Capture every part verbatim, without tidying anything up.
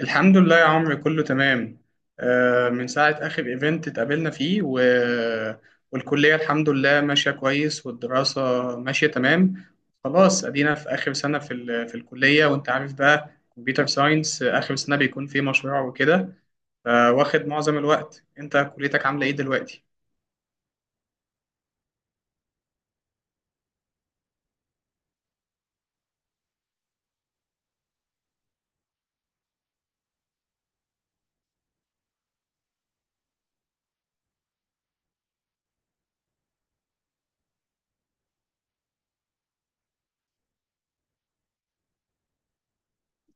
الحمد لله يا عمرو كله تمام. آه، من ساعة آخر إيفنت اتقابلنا فيه و... والكلية الحمد لله ماشية كويس، والدراسة ماشية تمام. خلاص أدينا في آخر سنة في, ال... في الكلية، وأنت عارف بقى، كمبيوتر ساينس آخر سنة بيكون فيه مشروع وكده. آه، واخد معظم الوقت. أنت كليتك عاملة إيه دلوقتي؟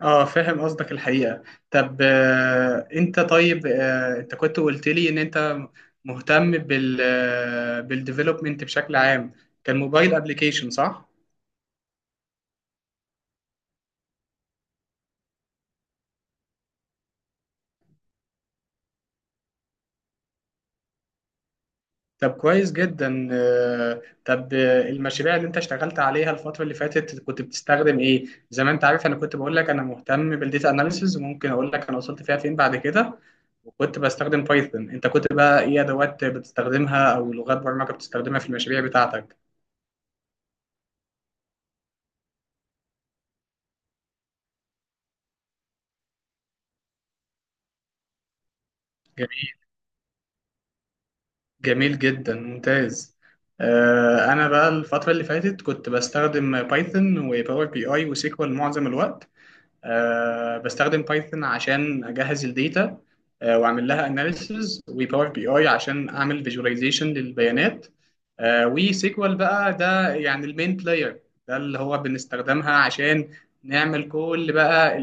اه، فاهم قصدك الحقيقة. طب آه انت طيب آه انت كنت قلت لي ان انت مهتم بال آه بالديفلوبمنت بشكل عام، كان موبايل ابلكيشن صح؟ طب كويس جدا. آه طب آه المشاريع اللي انت اشتغلت عليها الفترة اللي فاتت كنت بتستخدم ايه؟ زي ما انت عارف انا كنت بقول لك انا مهتم بالديتا اناليسز، وممكن اقول لك انا وصلت فيها فين بعد كده، وكنت بستخدم بايثون. انت كنت بقى ايه ادوات بتستخدمها او لغات برمجة بتستخدمها في المشاريع بتاعتك؟ جميل جدا، ممتاز. آه، انا بقى الفتره اللي فاتت كنت بستخدم بايثون وباور بي اي وسيكوال معظم الوقت. آه، بستخدم بايثون عشان اجهز الداتا، آه، واعمل لها اناليسز، وباور بي اي عشان اعمل فيجواليزيشن للبيانات، وسيكوال بقى ده يعني المين بلاير، ده اللي هو بنستخدمها عشان نعمل كل بقى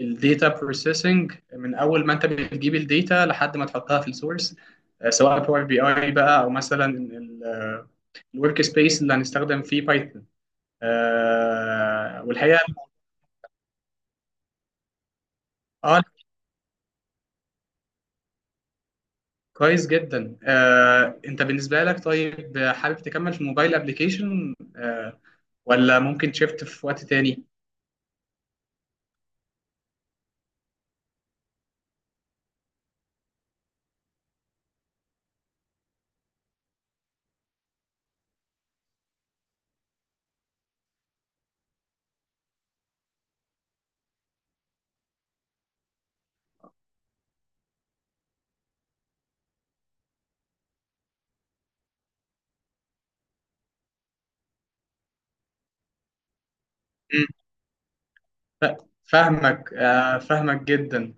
الداتا بروسيسنج من اول ما انت بتجيب الداتا لحد ما تحطها في السورس، سواء باور بي اي بقى او مثلا الورك سبيس اللي هنستخدم فيه بايثون. آه، والحقيقه اه كويس جدا. آه، انت بالنسبه لك طيب حابب تكمل في موبايل ابلكيشن، آه، ولا ممكن تشفت في وقت تاني. مم. ف- فاهمك، آه، فاهمك جدا.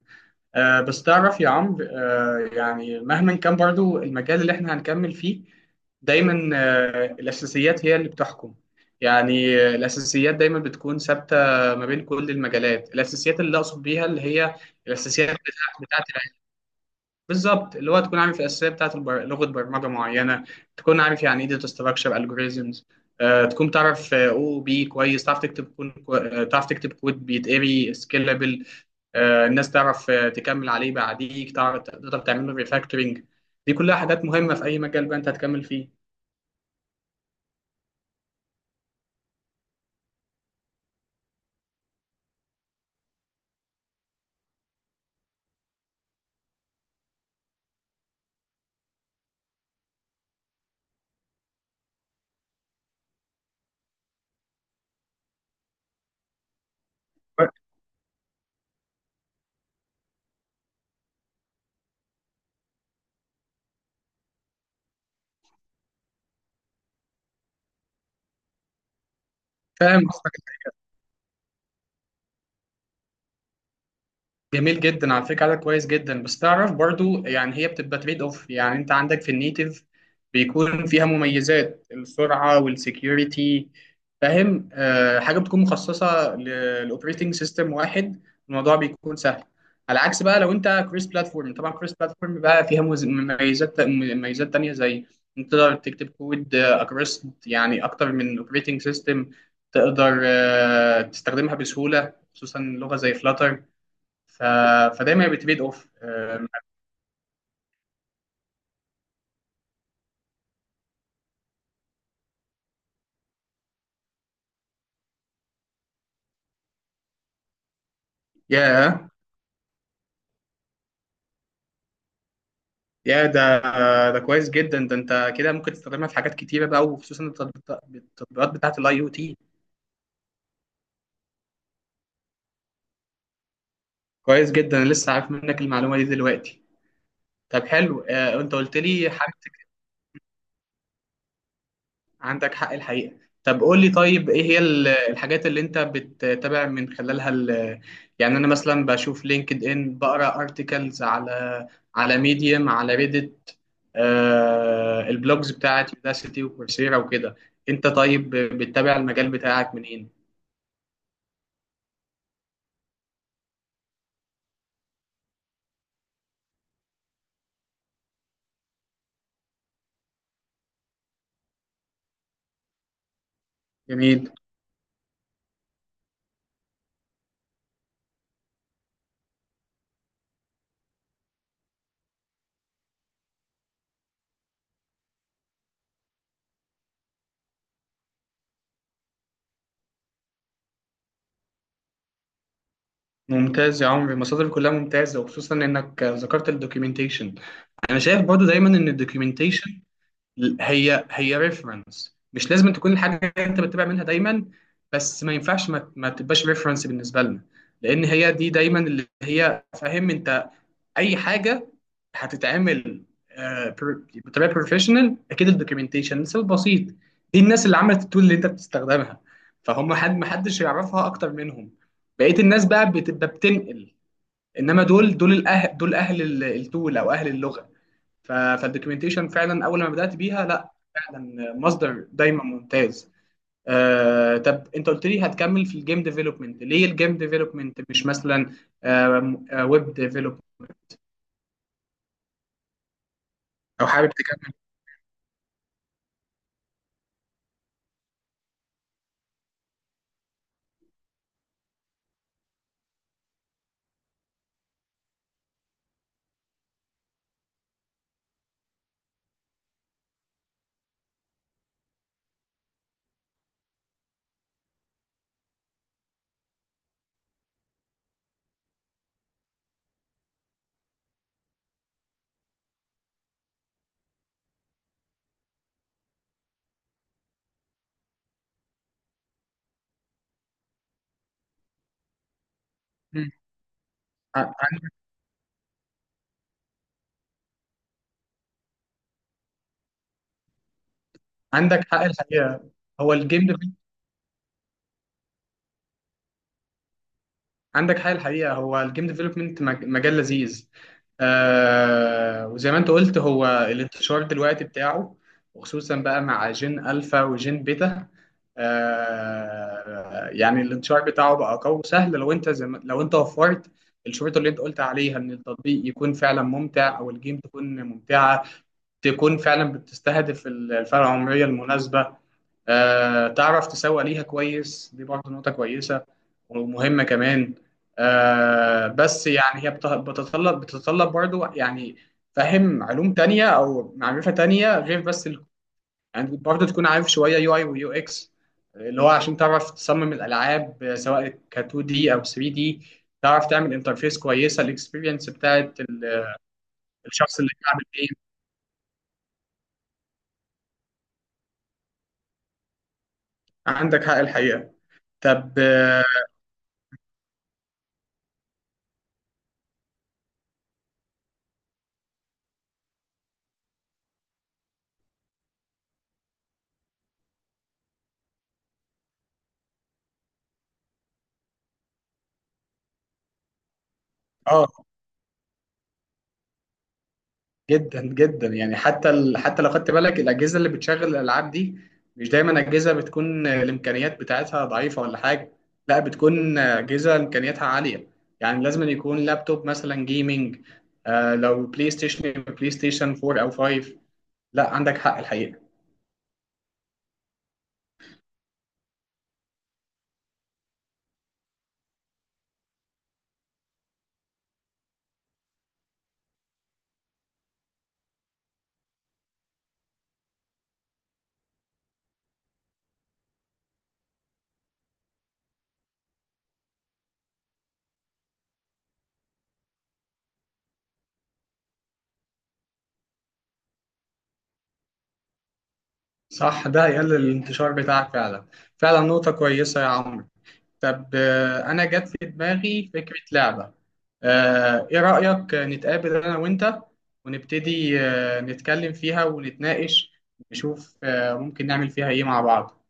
آه، بس تعرف يا عمرو، آه، يعني مهما كان برضو المجال اللي احنا هنكمل فيه، دايما آه، الاساسيات هي اللي بتحكم. يعني آه، الاساسيات دايما بتكون ثابته ما بين كل المجالات. الاساسيات اللي اقصد بيها اللي هي الاساسيات بتاعت، بالظبط اللي هو تكون عارف الاساسيات بتاعت البر... لغه برمجه معينه، تكون عارف يعني ايه داتا ستراكشر الجوريزمز، تكون تعرف او بي كويس، تعرف تكتب كود كو... آه، تعرف تكتب كود بيتقري سكيلابل، الناس تعرف آه، تكمل عليه بعديك، تعرف تقدر تعمل له ريفاكتورنج. دي كلها حاجات مهمه في اي مجال بقى انت هتكمل فيه. فاهم. جميل جدا، على فكرة عدد كويس جدا. بس تعرف برضو يعني هي بتبقى تريد اوف. يعني انت عندك في النيتيف بيكون فيها مميزات السرعة والسكيورتي، فاهم، آه حاجة بتكون مخصصة للاوبريتنج سيستم واحد، الموضوع بيكون سهل. على عكس بقى لو انت كروس بلاتفورم. طبعا كروس بلاتفورم بقى فيها مز- مميزات مميزات تانية، زي انت تقدر تكتب كود اكروس، يعني اكتر من اوبريتنج سيستم، تقدر آه تستخدمها بسهولة، خصوصا لغة زي فلاتر. ف... فدايما بتبيد اوف. آم، يا يا ده، ده كويس جدا. ده انت كده ممكن تستخدمها في حاجات كتيره بقى، وخصوصا التطبيق- التطبيقات بتاعه الاي او تي. كويس جدا، أنا لسه عارف منك المعلومه دي دلوقتي. طب حلو، آه، انت قلت لي حاجه. عندك حق الحقيقة. طب قول لي طيب ايه هي ال- الحاجات اللي انت بتتابع من خلالها ال- يعني انا مثلا بشوف لينكد ان، بقرا ارتكلز على على ميديم، على ريدت، آه البلوجز بتاعت يوداسيتي وكورسيرا وكده. انت طيب بتتابع المجال بتاعك منين؟ جميل. ممتاز يا عمري، المصادر كلها ممتازة، وخصوصا انك ذكرت الدوكيومنتيشن. انا شايف برضو دايما ان الدوكيومنتيشن هي هي ريفرنس، مش لازم تكون الحاجه اللي انت بتتابع منها دايما، بس ما ينفعش ما, ما تبقاش ريفرنس بالنسبه لنا، لان هي دي دايما اللي هي، فاهم انت، اي حاجه هتتعمل آه، بر- بطريقه بروفيشنال، اكيد الدوكيومنتيشن لسبب بسيط، دي الناس اللي عملت التول اللي انت بتستخدمها، فهم حد ما حدش يعرفها اكتر منهم. بقيه الناس بقى بتبقى بتنقل، انما دول دول الاهل، دول اهل ال- التول او اهل اللغه. ف- فالدوكيومنتيشن فعلا اول ما بدات بيها لا، فعلا مصدر دايما ممتاز. آه، طب انت قلت لي هتكمل في الجيم ديفلوبمنت، ليه الجيم ديفلوبمنت مش مثلا ويب ديفلوبمنت او حابب تكمل؟ مم. ع- عن- عندك حق الحقيقه. هو الجيم عندك حاجة الحقيقة، هو الجيم ديفلوبمنت مجال لذيذ. آه وزي ما انت قلت هو الانتشار دلوقتي بتاعه، وخصوصا بقى مع جين ألفا وجين بيتا، آه يعني الانتشار بتاعه بقى قوي وسهل. لو انت زي ما لو انت وفرت الشروط اللي انت قلت عليها، ان التطبيق يكون فعلا ممتع او الجيم تكون ممتعة، تكون فعلا بتستهدف الفئة العمرية المناسبة، آه، تعرف تسوق ليها كويس، دي برضه نقطة كويسة ومهمة كمان. آه، بس يعني هي بت- بتتطلب بتتطلب برضه يعني فهم علوم تانية أو معرفة تانية، غير بس ال... يعني برضه تكون عارف شوية يو اي ويو اكس، اللي هو عشان تعرف تصمم الألعاب، آه، سواء ك اتنين دي أو تلاتة دي، تعرف تعمل انترفيس كويسة، الاكسبيرينس بتاعت ال- الشخص اللي بيلعب الجيم. عندك حق الحقيقة. طب اه، آه، جدا جدا، يعني حتى ال... حتى لو خدت بالك الاجهزه اللي بتشغل الالعاب دي، مش دايما اجهزه بتكون الامكانيات بتاعتها ضعيفه ولا حاجه، لا بتكون اجهزه امكانياتها عاليه. يعني لازم أن يكون لابتوب مثلا جيمنج، آه لو بلاي ستيشن، بلاي ستيشن اربعة او خمسة. لا عندك حق الحقيقه. صح، ده هيقلل الانتشار بتاعك فعلا. فعلا نقطه كويسه يا عمرو. طب آه انا جت في دماغي فكره لعبه، آه، إيه رأيك نتقابل أنا وأنت، ونبتدي آه، نتكلم فيها ونتناقش، نشوف آه، ممكن نعمل فيها إيه مع بعض؟